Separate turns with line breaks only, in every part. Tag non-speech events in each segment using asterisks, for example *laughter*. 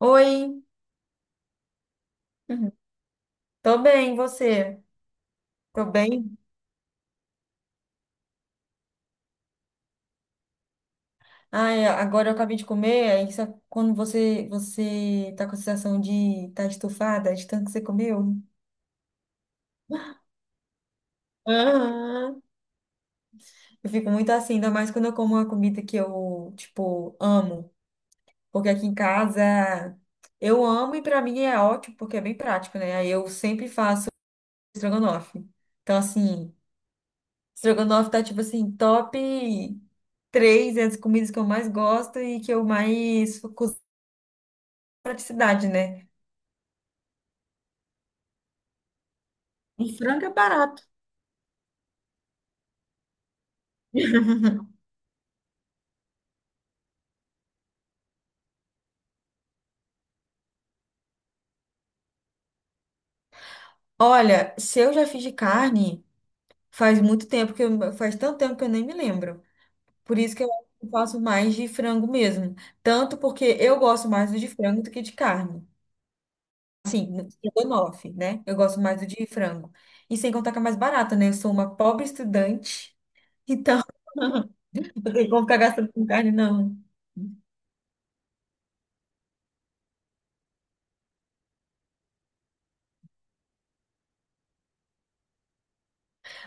Oi. Uhum. Tô bem, e você? Tô bem? Ai, agora eu acabei de comer, quando você tá com a sensação de tá estufada de tanto que você comeu. Aham. Eu fico muito assim, ainda mais quando eu como uma comida que eu, tipo, amo. Porque aqui em casa eu amo e pra mim é ótimo, porque é bem prático, né? Aí eu sempre faço estrogonofe. Então, assim, estrogonofe tá, tipo assim, top três entre as comidas que eu mais gosto e que eu mais praticidade, né? Um frango é barato. *laughs* Olha, se eu já fiz de carne, faz tanto tempo que eu nem me lembro. Por isso que eu acho que eu faço mais de frango mesmo. Tanto porque eu gosto mais do de frango do que de carne. Sim, estrogonofe, né? Eu gosto mais do de frango. E sem contar que é mais barata, né? Eu sou uma pobre estudante, então *laughs* não tem como ficar gastando com carne, não.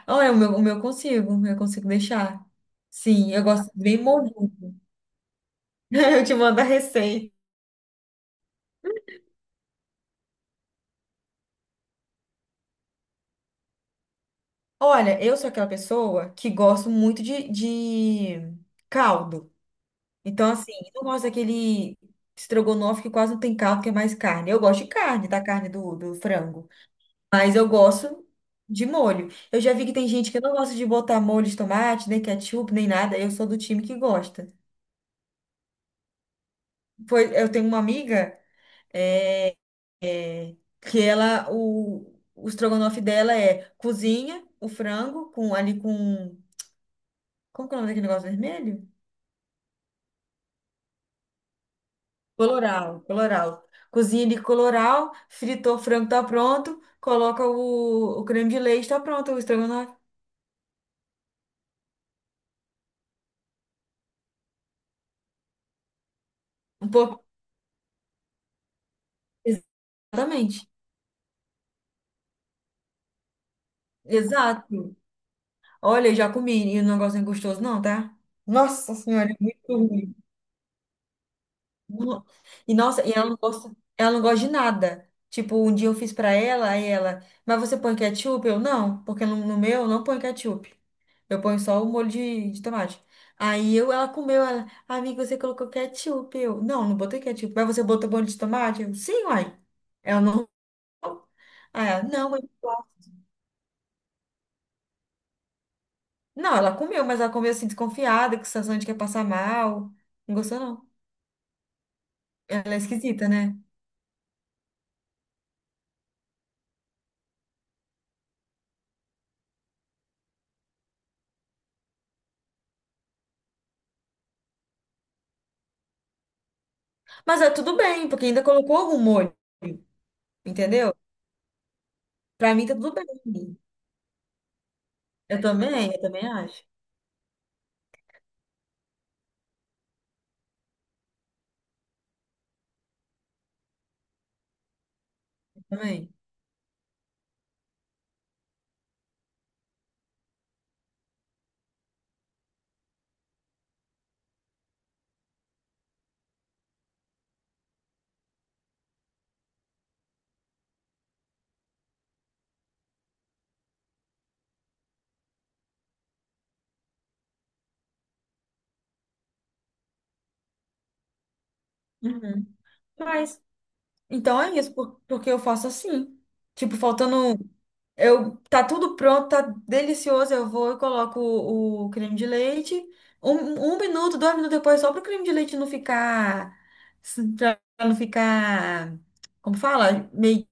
Olha, o meu eu consigo deixar. Sim, eu gosto bem molhado. *laughs* Eu te mando a receita. Olha, eu sou aquela pessoa que gosto muito de caldo. Então, assim, eu não gosto daquele estrogonofe que quase não tem caldo, que é mais carne. Eu gosto de carne, da carne do frango. Mas eu gosto de molho. Eu já vi que tem gente que não gosta de botar molho de tomate, nem ketchup, nem nada. Eu sou do time que gosta. Foi, eu tenho uma amiga, é, que ela, o estrogonofe dela é cozinha o frango com ali com. Como que é o nome daquele negócio vermelho? Coloral, coloral. Cozinha de coloral, fritou o frango, tá pronto. Coloca o creme de leite, tá pronto o estrogonofe. Um pouco. Exatamente. Exato. Olha, eu já comi e o negócio não é gostoso, não, tá? Nossa senhora, é muito ruim. No- E nossa, e ela não gosta de nada. Tipo, um dia eu fiz pra ela, aí ela, mas você põe ketchup? Eu não, porque no meu eu não põe ketchup. Eu ponho só o molho de tomate. Ela comeu, ela, amiga, você colocou ketchup. Eu, não, não botei ketchup. Mas você botou molho de tomate? Eu, sim, uai. Ela não. Não, mas... Não, ela comeu, mas ela comeu assim, desconfiada, com sensação de que ia passar mal. Não gostou, não. Ela é esquisita, né? Mas é tudo bem, porque ainda colocou algum molho, entendeu? Pra mim tá tudo bem. Eu também acho. Eu também. Uhum. Mas então é isso, porque eu faço assim. Tipo, faltando um, tá tudo pronto, tá delicioso. Eu vou e coloco o creme de leite. Um minuto, 2 minutos depois, só para o creme de leite não ficar. Pra não ficar. Como fala? Meio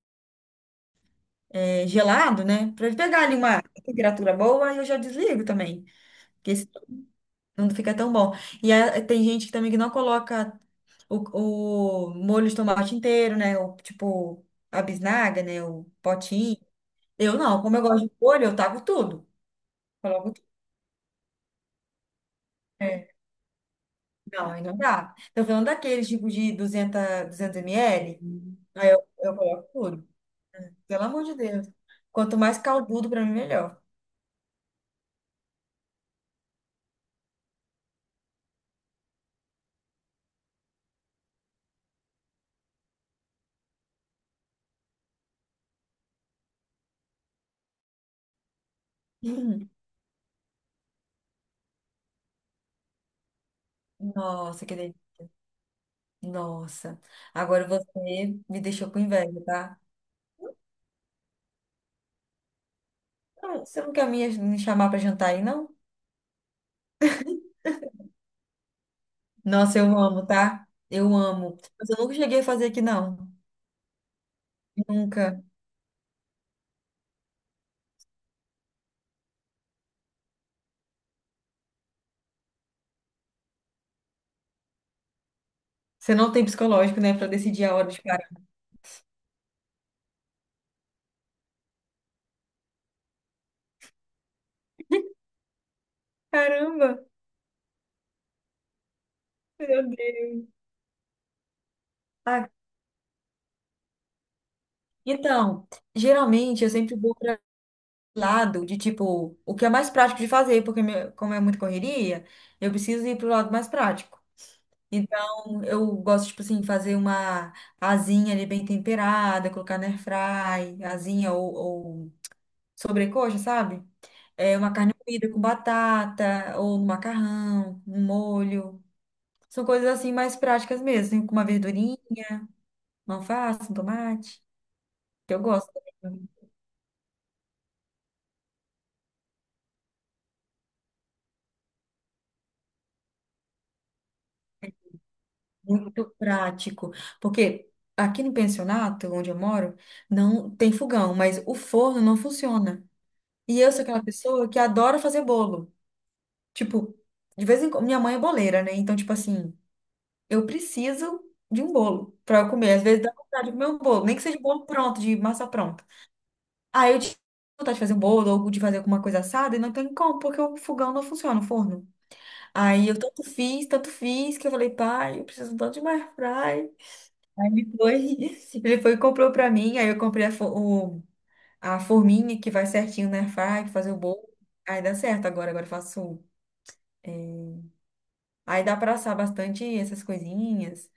gelado, né? Pra ele pegar ali uma temperatura boa, aí eu já desligo também. Não fica tão bom. Tem gente que também que não coloca o molho de tomate inteiro, né? O, tipo, a bisnaga, né? O potinho. Eu não, como eu gosto de molho, eu taco tudo. Coloco tudo. É. Não, aí não dá. Tô falando daqueles tipo de 200, 200 ml, aí eu coloco tudo. Pelo amor de Deus. Quanto mais caldudo, pra mim, melhor. *laughs* Uhum. Nossa, que delícia. Nossa. Agora você me deixou com inveja, tá? Não, você não quer me chamar pra jantar aí, não? Nossa, eu amo, tá? Eu amo. Mas eu nunca cheguei a fazer aqui, não. Nunca. Você não tem psicológico, né, pra decidir a hora de parar. Caramba, meu Deus. Ah, então, geralmente eu sempre vou para lado de tipo, o que é mais prático de fazer, porque como é muita correria, eu preciso ir pro lado mais prático. Então, eu gosto, tipo assim, fazer uma asinha ali bem temperada, colocar na airfry, asinha ou sobrecoxa, sabe? É uma carne moída com batata, ou no macarrão, no molho. São coisas assim mais práticas mesmo, assim, com uma verdurinha, uma alface, um tomate, que eu gosto também. Muito prático. Porque aqui no pensionato, onde eu moro, não tem fogão, mas o forno não funciona. E eu sou aquela pessoa que adora fazer bolo. Tipo, de vez em quando, minha mãe é boleira, né? Então, tipo assim, eu preciso de um bolo para eu comer. Às vezes dá vontade de comer um bolo, nem que seja um bolo pronto, de massa pronta. Aí eu tinha vontade de fazer um bolo ou de fazer alguma coisa assada e não tem como, porque o fogão não funciona, o forno. Aí eu tanto fiz, que eu falei, pai, eu preciso tanto de uma airfryer. Aí ele foi, *laughs* ele foi e comprou pra mim, aí eu comprei o, a forminha que vai certinho na airfryer, pra fazer o bolo. Aí dá certo agora, agora eu faço. Aí dá pra assar bastante essas coisinhas.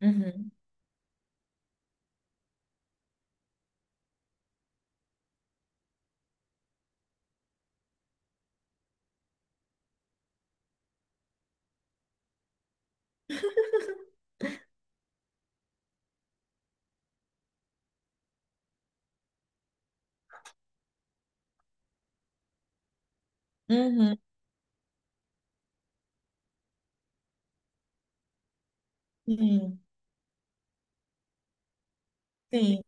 Uhum. Uhum. Sim, sim.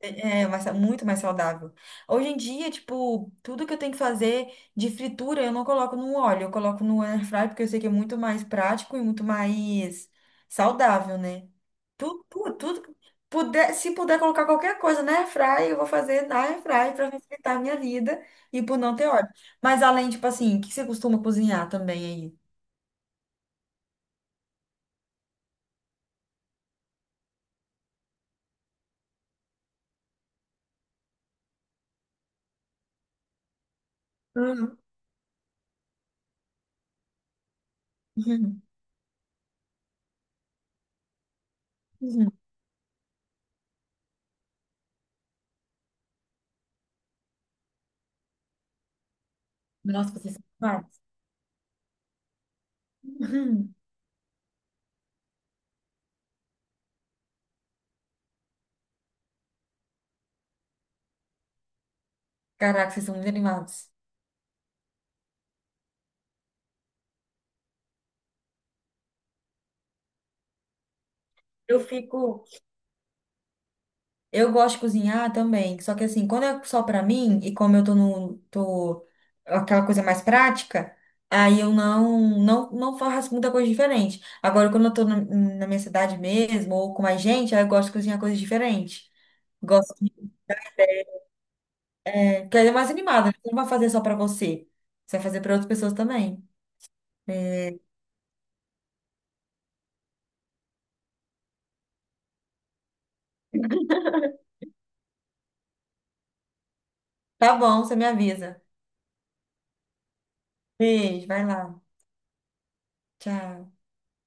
É mais muito mais saudável. Hoje em dia, tipo, tudo que eu tenho que fazer de fritura, eu não coloco no óleo, eu coloco no air fry, porque eu sei que é muito mais prático e muito mais saudável, né? Tudo, tudo, tudo que puder, se puder colocar qualquer coisa na air fry, eu vou fazer na air fry para facilitar a minha vida e por não ter óleo. Mas além, tipo assim, o que você costuma cozinhar também? Hum. Aí? Uhum, uhum. Uhum. *laughs* Nossa, vocês são animados. *laughs* Uhum. Caraca, vocês são muito animados. Eu fico. Eu gosto de cozinhar também, só que assim, quando é só pra mim e como eu tô no tô aquela coisa mais prática, aí eu não faço muita coisa diferente. Agora quando eu tô na minha cidade mesmo ou com mais gente, aí eu gosto de cozinhar coisas diferentes. Gosto de, porque aí é mais animada, né? Você não vai fazer só pra você. Você vai fazer pra outras pessoas também. É, tá bom, você me avisa. Beijo, vai lá. Tchau.